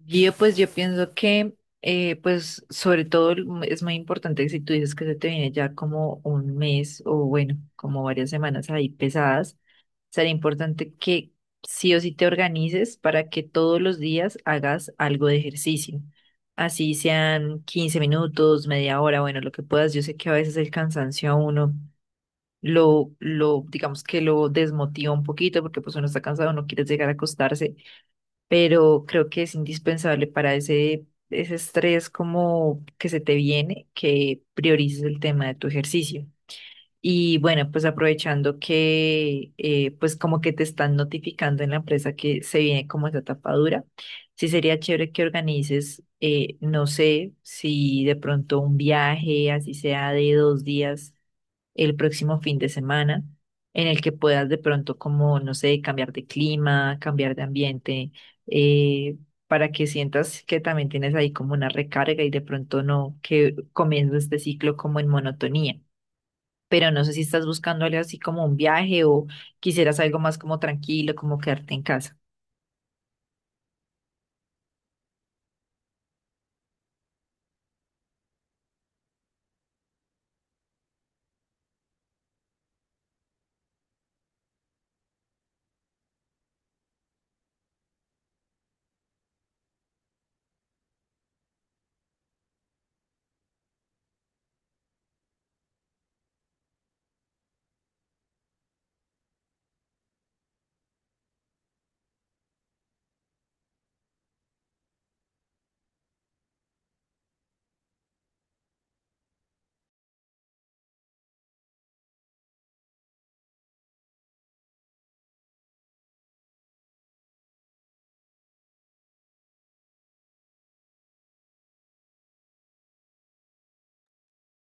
Yo pienso que pues sobre todo es muy importante que si tú dices que se te viene ya como un mes o bueno, como varias semanas ahí pesadas, sería importante que sí o sí te organices para que todos los días hagas algo de ejercicio. Así sean 15 minutos, media hora, bueno, lo que puedas. Yo sé que a veces el cansancio a uno digamos que lo desmotiva un poquito porque pues uno está cansado, no quiere llegar a acostarse, pero creo que es indispensable para ese estrés como que se te viene, que priorices el tema de tu ejercicio. Y bueno, pues aprovechando que pues como que te están notificando en la empresa que se viene como esa tapadura, sí sería chévere que organices, no sé, si de pronto un viaje, así sea de dos días el próximo fin de semana, en el que puedas de pronto como, no sé, cambiar de clima, cambiar de ambiente, eh, para que sientas que también tienes ahí como una recarga y de pronto no, que comienza este ciclo como en monotonía. Pero no sé si estás buscando algo así como un viaje o quisieras algo más como tranquilo, como quedarte en casa.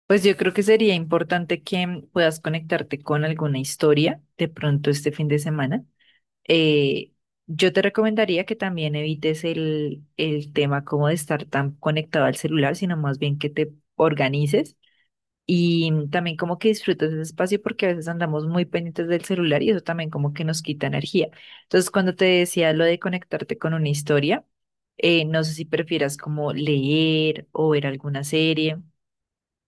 Pues yo creo que sería importante que puedas conectarte con alguna historia de pronto este fin de semana. eh, yo te recomendaría que también evites el tema como de estar tan conectado al celular, sino más bien que te organices y también como que disfrutes ese espacio, porque a veces andamos muy pendientes del celular y eso también como que nos quita energía. Entonces, cuando te decía lo de conectarte con una historia, no sé si prefieras como leer o ver alguna serie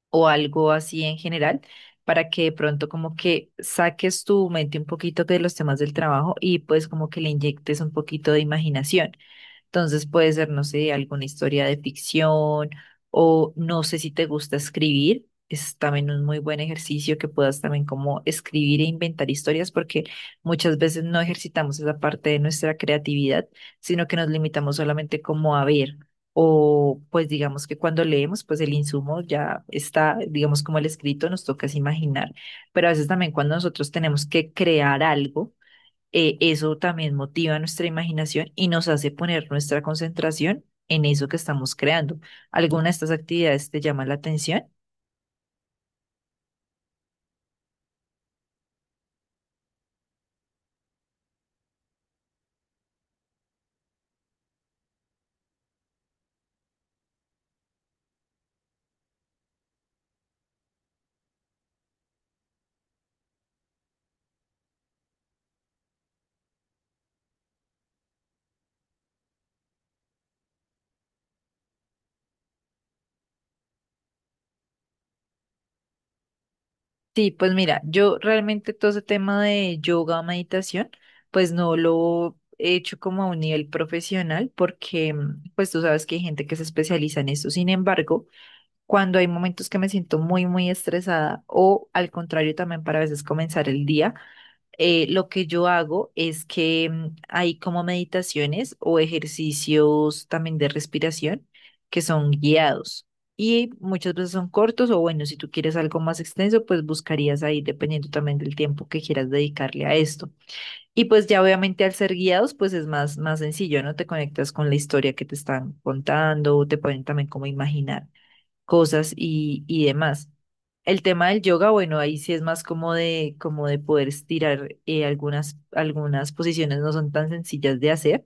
o algo así en general, para que de pronto como que saques tu mente un poquito de los temas del trabajo y pues como que le inyectes un poquito de imaginación. Entonces puede ser, no sé, alguna historia de ficción, o no sé si te gusta escribir. Es también un muy buen ejercicio que puedas también como escribir e inventar historias, porque muchas veces no ejercitamos esa parte de nuestra creatividad, sino que nos limitamos solamente como a ver, o pues digamos que cuando leemos pues el insumo ya está, digamos como el escrito, nos toca es imaginar, pero a veces también cuando nosotros tenemos que crear algo, eso también motiva nuestra imaginación y nos hace poner nuestra concentración en eso que estamos creando. ¿Alguna de estas actividades te llama la atención? Sí, pues mira, yo realmente todo ese tema de yoga, meditación, pues no lo he hecho como a un nivel profesional porque pues tú sabes que hay gente que se especializa en eso. Sin embargo, cuando hay momentos que me siento muy, muy estresada o al contrario también para a veces comenzar el día, lo que yo hago es que hay como meditaciones o ejercicios también de respiración que son guiados y muchas veces son cortos, o bueno, si tú quieres algo más extenso, pues buscarías ahí dependiendo también del tiempo que quieras dedicarle a esto. Y pues ya obviamente al ser guiados, pues es más, más sencillo, ¿no? Te conectas con la historia que te están contando, te pueden también como imaginar cosas y demás. El tema del yoga, bueno, ahí sí es más como como de poder estirar, algunas posiciones no son tan sencillas de hacer,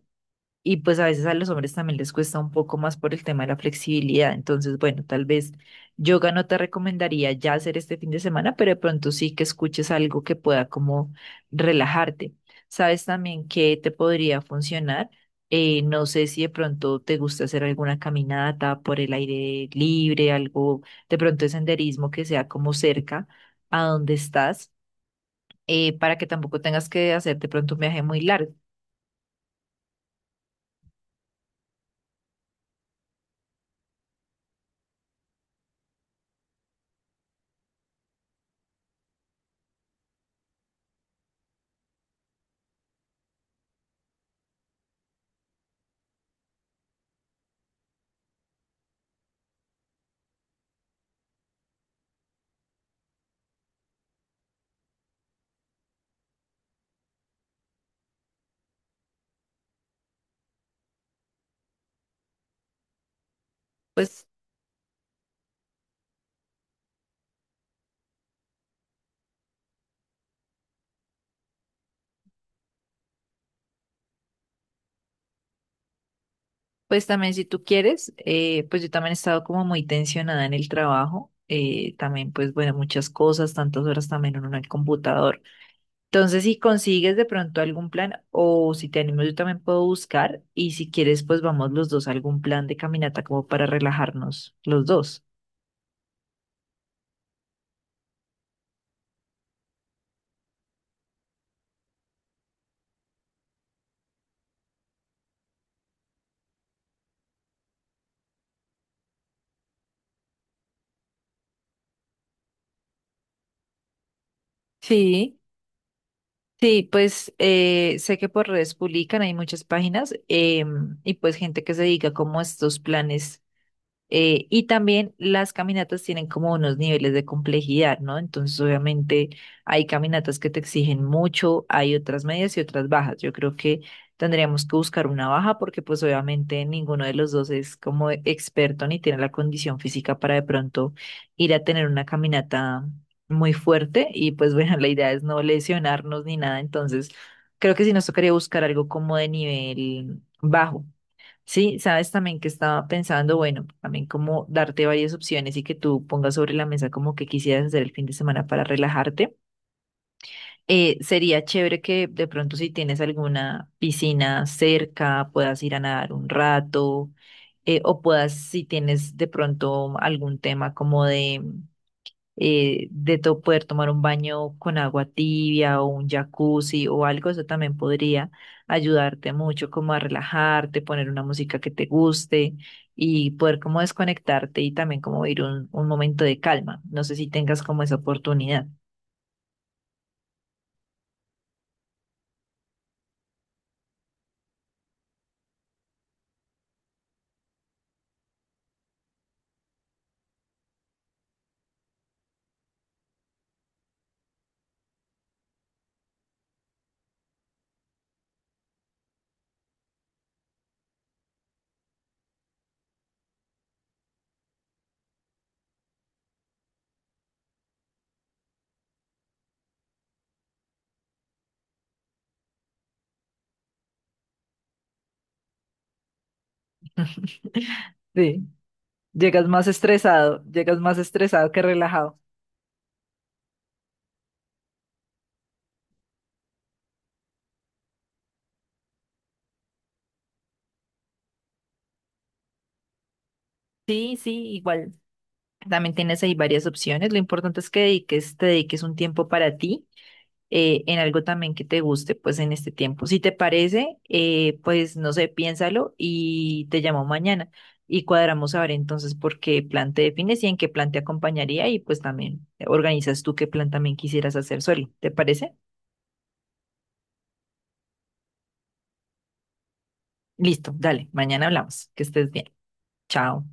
y pues a veces a los hombres también les cuesta un poco más por el tema de la flexibilidad. Entonces, bueno, tal vez yoga no te recomendaría ya hacer este fin de semana, pero de pronto sí que escuches algo que pueda como relajarte. ¿Sabes también qué te podría funcionar? No sé si de pronto te gusta hacer alguna caminata por el aire libre, algo de pronto de senderismo que sea como cerca a donde estás, para que tampoco tengas que hacer de pronto un viaje muy largo. pues Pues también si tú quieres, pues yo también he estado como muy tensionada en el trabajo, también pues bueno, muchas cosas, tantas horas también uno en el computador. Entonces, si consigues de pronto algún plan o si te animo, yo también puedo buscar, y si quieres pues vamos los dos a algún plan de caminata como para relajarnos los dos. Sí, sí, pues sé que por redes publican, hay muchas páginas, y pues gente que se dedica como a estos planes. Y también las caminatas tienen como unos niveles de complejidad, ¿no? Entonces, obviamente, hay caminatas que te exigen mucho, hay otras medias y otras bajas. Yo creo que tendríamos que buscar una baja porque, pues, obviamente, ninguno de los dos es como experto ni tiene la condición física para de pronto ir a tener una caminata muy fuerte. Y, pues, bueno, la idea es no lesionarnos ni nada. Entonces, creo que sí nos tocaría buscar algo como de nivel bajo. Sí, sabes también que estaba pensando, bueno, también como darte varias opciones y que tú pongas sobre la mesa como que quisieras hacer el fin de semana para relajarte. Sería chévere que de pronto si tienes alguna piscina cerca, puedas ir a nadar un rato, o puedas, si tienes de pronto algún tema como poder tomar un baño con agua tibia o un jacuzzi o algo, eso también podría ayudarte mucho como a relajarte, poner una música que te guste y poder como desconectarte y también como ir un momento de calma. No sé si tengas como esa oportunidad. Sí, llegas más estresado que relajado. Sí, sí, igual. También tienes ahí varias opciones. Lo importante es que te dediques un tiempo para ti, en algo también que te guste, pues en este tiempo. Si te parece, pues no sé, piénsalo y te llamo mañana y cuadramos a ver entonces por qué plan te defines y en qué plan te acompañaría, y pues también organizas tú qué plan también quisieras hacer solo. ¿Te parece? Listo, dale, mañana hablamos. Que estés bien. Chao.